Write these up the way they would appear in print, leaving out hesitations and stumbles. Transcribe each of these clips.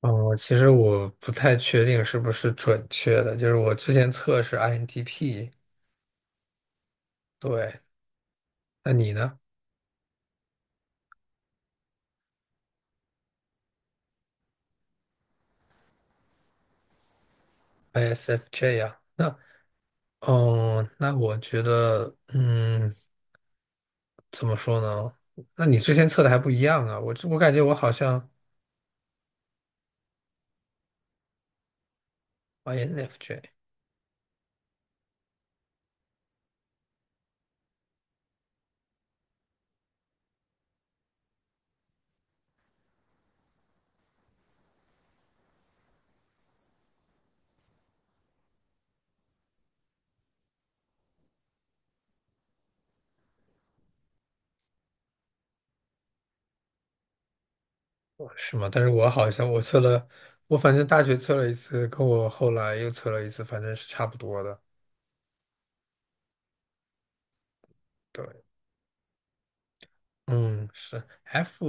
哦，其实我不太确定是不是准确的，就是我之前测是 INTP，对，那你呢？ISFJ 呀、那哦，那我觉得，怎么说呢？那你之前测的还不一样啊，我感觉我好像 INFJ 是吗？但是我好像我测了，我反正大学测了一次，跟我后来又测了一次，反正是差不多的。对。嗯，是 F，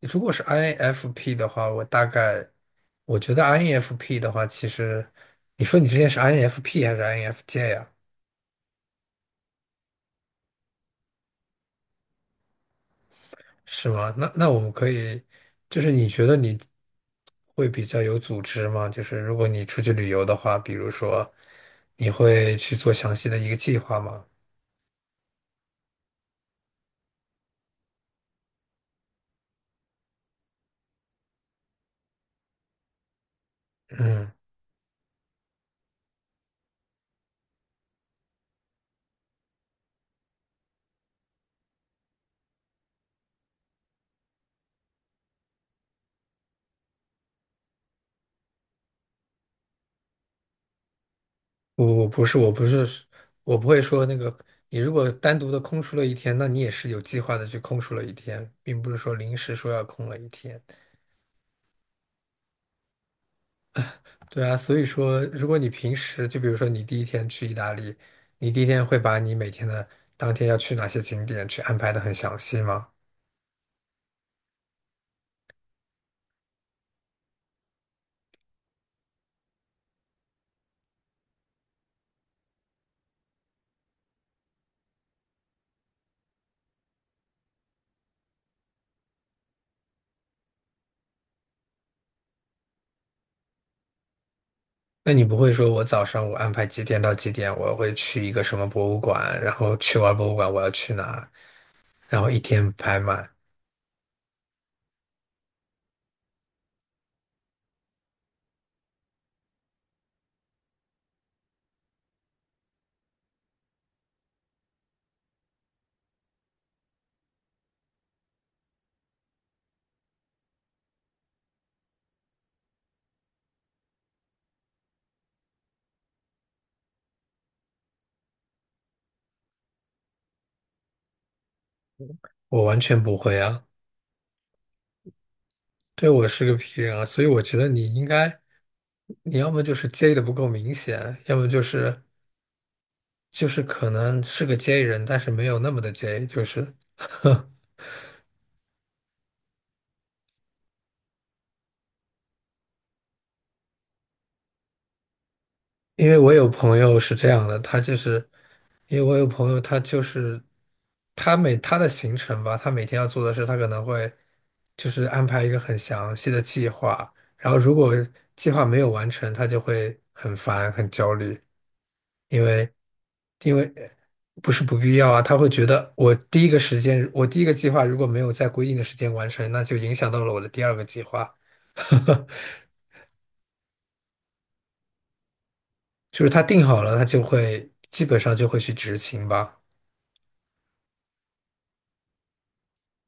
如果是 INFP 的话，我大概。我觉得 INFP 的话，其实你说你之前是 INFP 还是 INFJ 呀？是吗？那我们可以，就是你觉得你会比较有组织吗？就是如果你出去旅游的话，比如说你会去做详细的一个计划吗？嗯，我不是，我不会说那个。你如果单独的空出了一天，那你也是有计划的去空出了一天，并不是说临时说要空了一天。对啊，所以说，如果你平时就比如说你第一天去意大利，你第一天会把你每天的当天要去哪些景点去安排的很详细吗？那你不会说我早上我安排几点到几点，我会去一个什么博物馆，然后去完博物馆我要去哪，然后一天排满，我完全不会啊。对，我是个 P 人啊，所以我觉得你应该，你要么就是介意的不够明显，要么就是可能是个 J 人，但是没有那么的 J，就是 因为我有朋友是这样的，他就是因为我有朋友，他的行程吧，他每天要做的事，他可能会就是安排一个很详细的计划，然后如果计划没有完成，他就会很烦很焦虑，因为因为不是不必要啊，他会觉得我第一个计划如果没有在规定的时间完成，那就影响到了我的第二个计划，就是他定好了，他就会基本上就会去执行吧。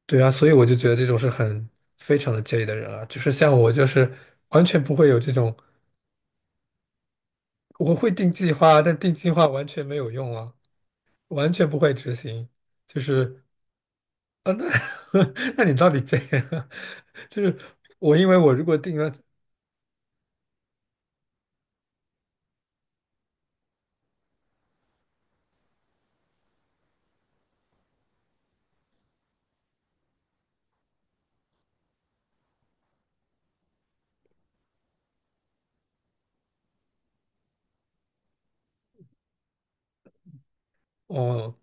对啊，所以我就觉得这种是非常的介意的人啊，就是像我，就是完全不会有这种，我会定计划，但定计划完全没有用啊，完全不会执行，就是啊，那 那你到底介意啊？就是我，因为我如果定了，哦，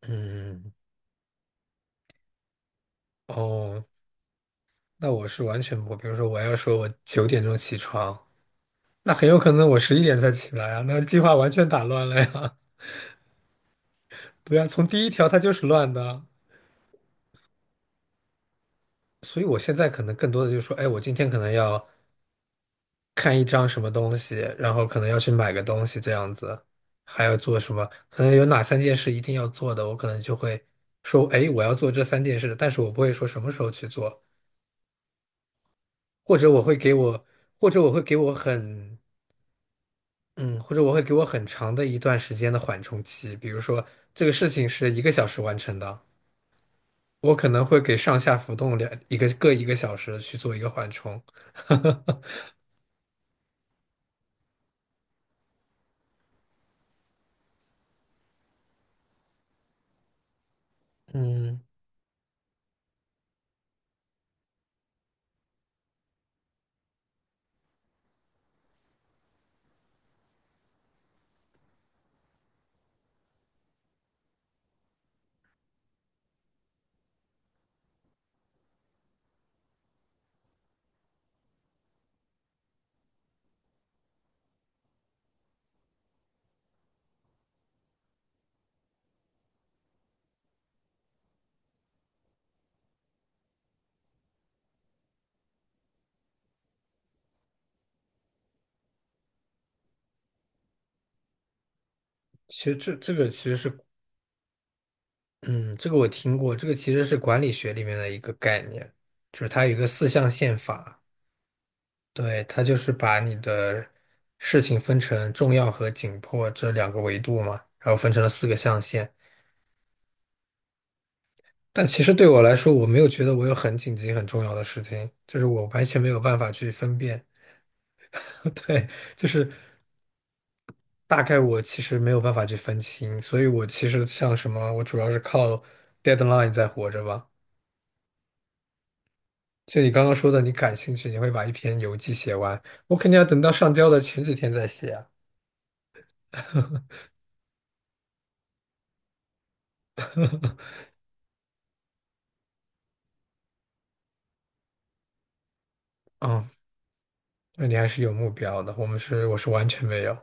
嗯，哦，那我是完全不，比如说我要说我9点钟起床，那很有可能我11点才起来啊，那计划完全打乱了呀。对啊，从第一条它就是乱的。所以我现在可能更多的就是说，哎，我今天可能要看一张什么东西，然后可能要去买个东西这样子，还要做什么？可能有哪三件事一定要做的，我可能就会说，哎，我要做这三件事，但是我不会说什么时候去做，或者我会给我，或者我会给我很，嗯，或者我会给我很长的一段时间的缓冲期，比如说这个事情是一个小时完成的，我可能会给上下浮动两一个各一个小时去做一个缓冲。嗯，其实这个其实是，嗯，这个我听过，这个其实是管理学里面的一个概念，就是它有一个四象限法，对，它就是把你的事情分成重要和紧迫这两个维度嘛，然后分成了四个象限。但其实对我来说，我没有觉得我有很紧急、很重要的事情，就是我完全没有办法去分辨。对，就是大概我其实没有办法去分清，所以我其实像什么，我主要是靠 deadline 在活着吧。就你刚刚说的，你感兴趣，你会把一篇游记写完。我肯定要等到上交的前几天再写啊。嗯，那你还是有目标的。我是完全没有。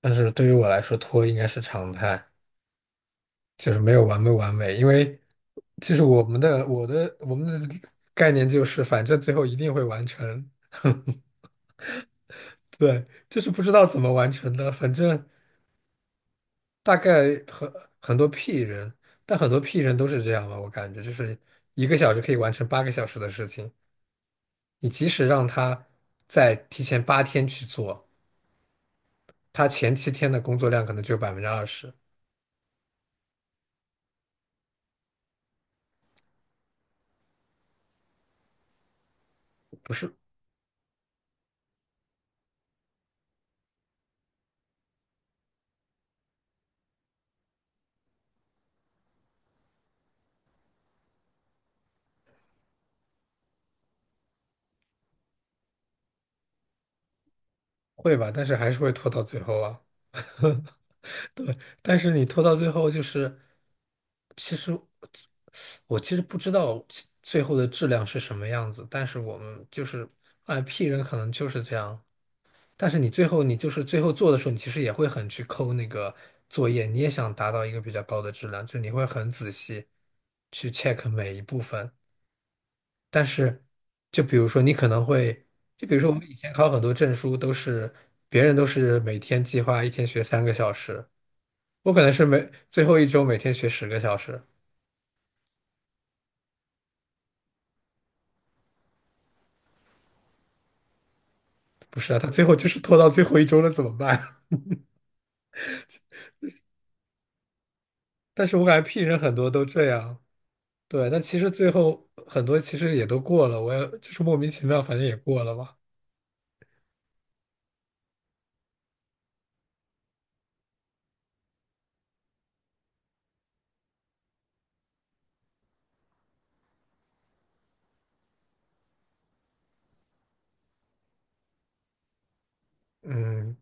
但是对于我来说，拖应该是常态，就是没完美。因为就是我们的概念就是，反正最后一定会完成。对，就是不知道怎么完成的，反正大概很多 P 人，但很多 P 人都是这样吧，我感觉就是一个小时可以完成8个小时的事情。你即使让他在提前8天去做，他前7天的工作量可能只有20%，不是会吧？但是还是会拖到最后啊。对，但是你拖到最后，就是其实我其实不知道其最后的质量是什么样子，但是我们就是哎，P 人可能就是这样。但是你就是最后做的时候，你其实也会很去抠那个作业，你也想达到一个比较高的质量，就是你会很仔细去 check 每一部分。但是，就比如说你可能会，就比如说我们以前考很多证书都是，别人都是每天计划一天学3个小时，我可能是最后一周每天学10个小时。不是啊，他最后就是拖到最后一周了，怎么办？但是我感觉 P 人很多都这样，对，但其实最后很多其实也都过了，我也就是莫名其妙，反正也过了吧。嗯，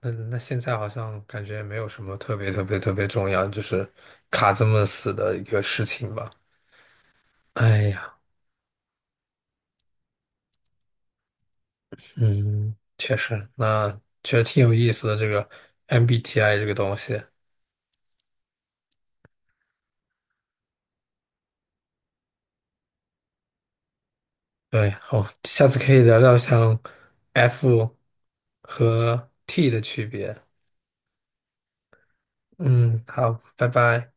那现在好像感觉没有什么特别特别特别重要，就是卡这么死的一个事情吧。哎呀。嗯，确实，那觉得挺有意思的这个 MBTI 这个东西。对，好，下次可以聊聊像 F 和 T 的区别。嗯，好，拜拜。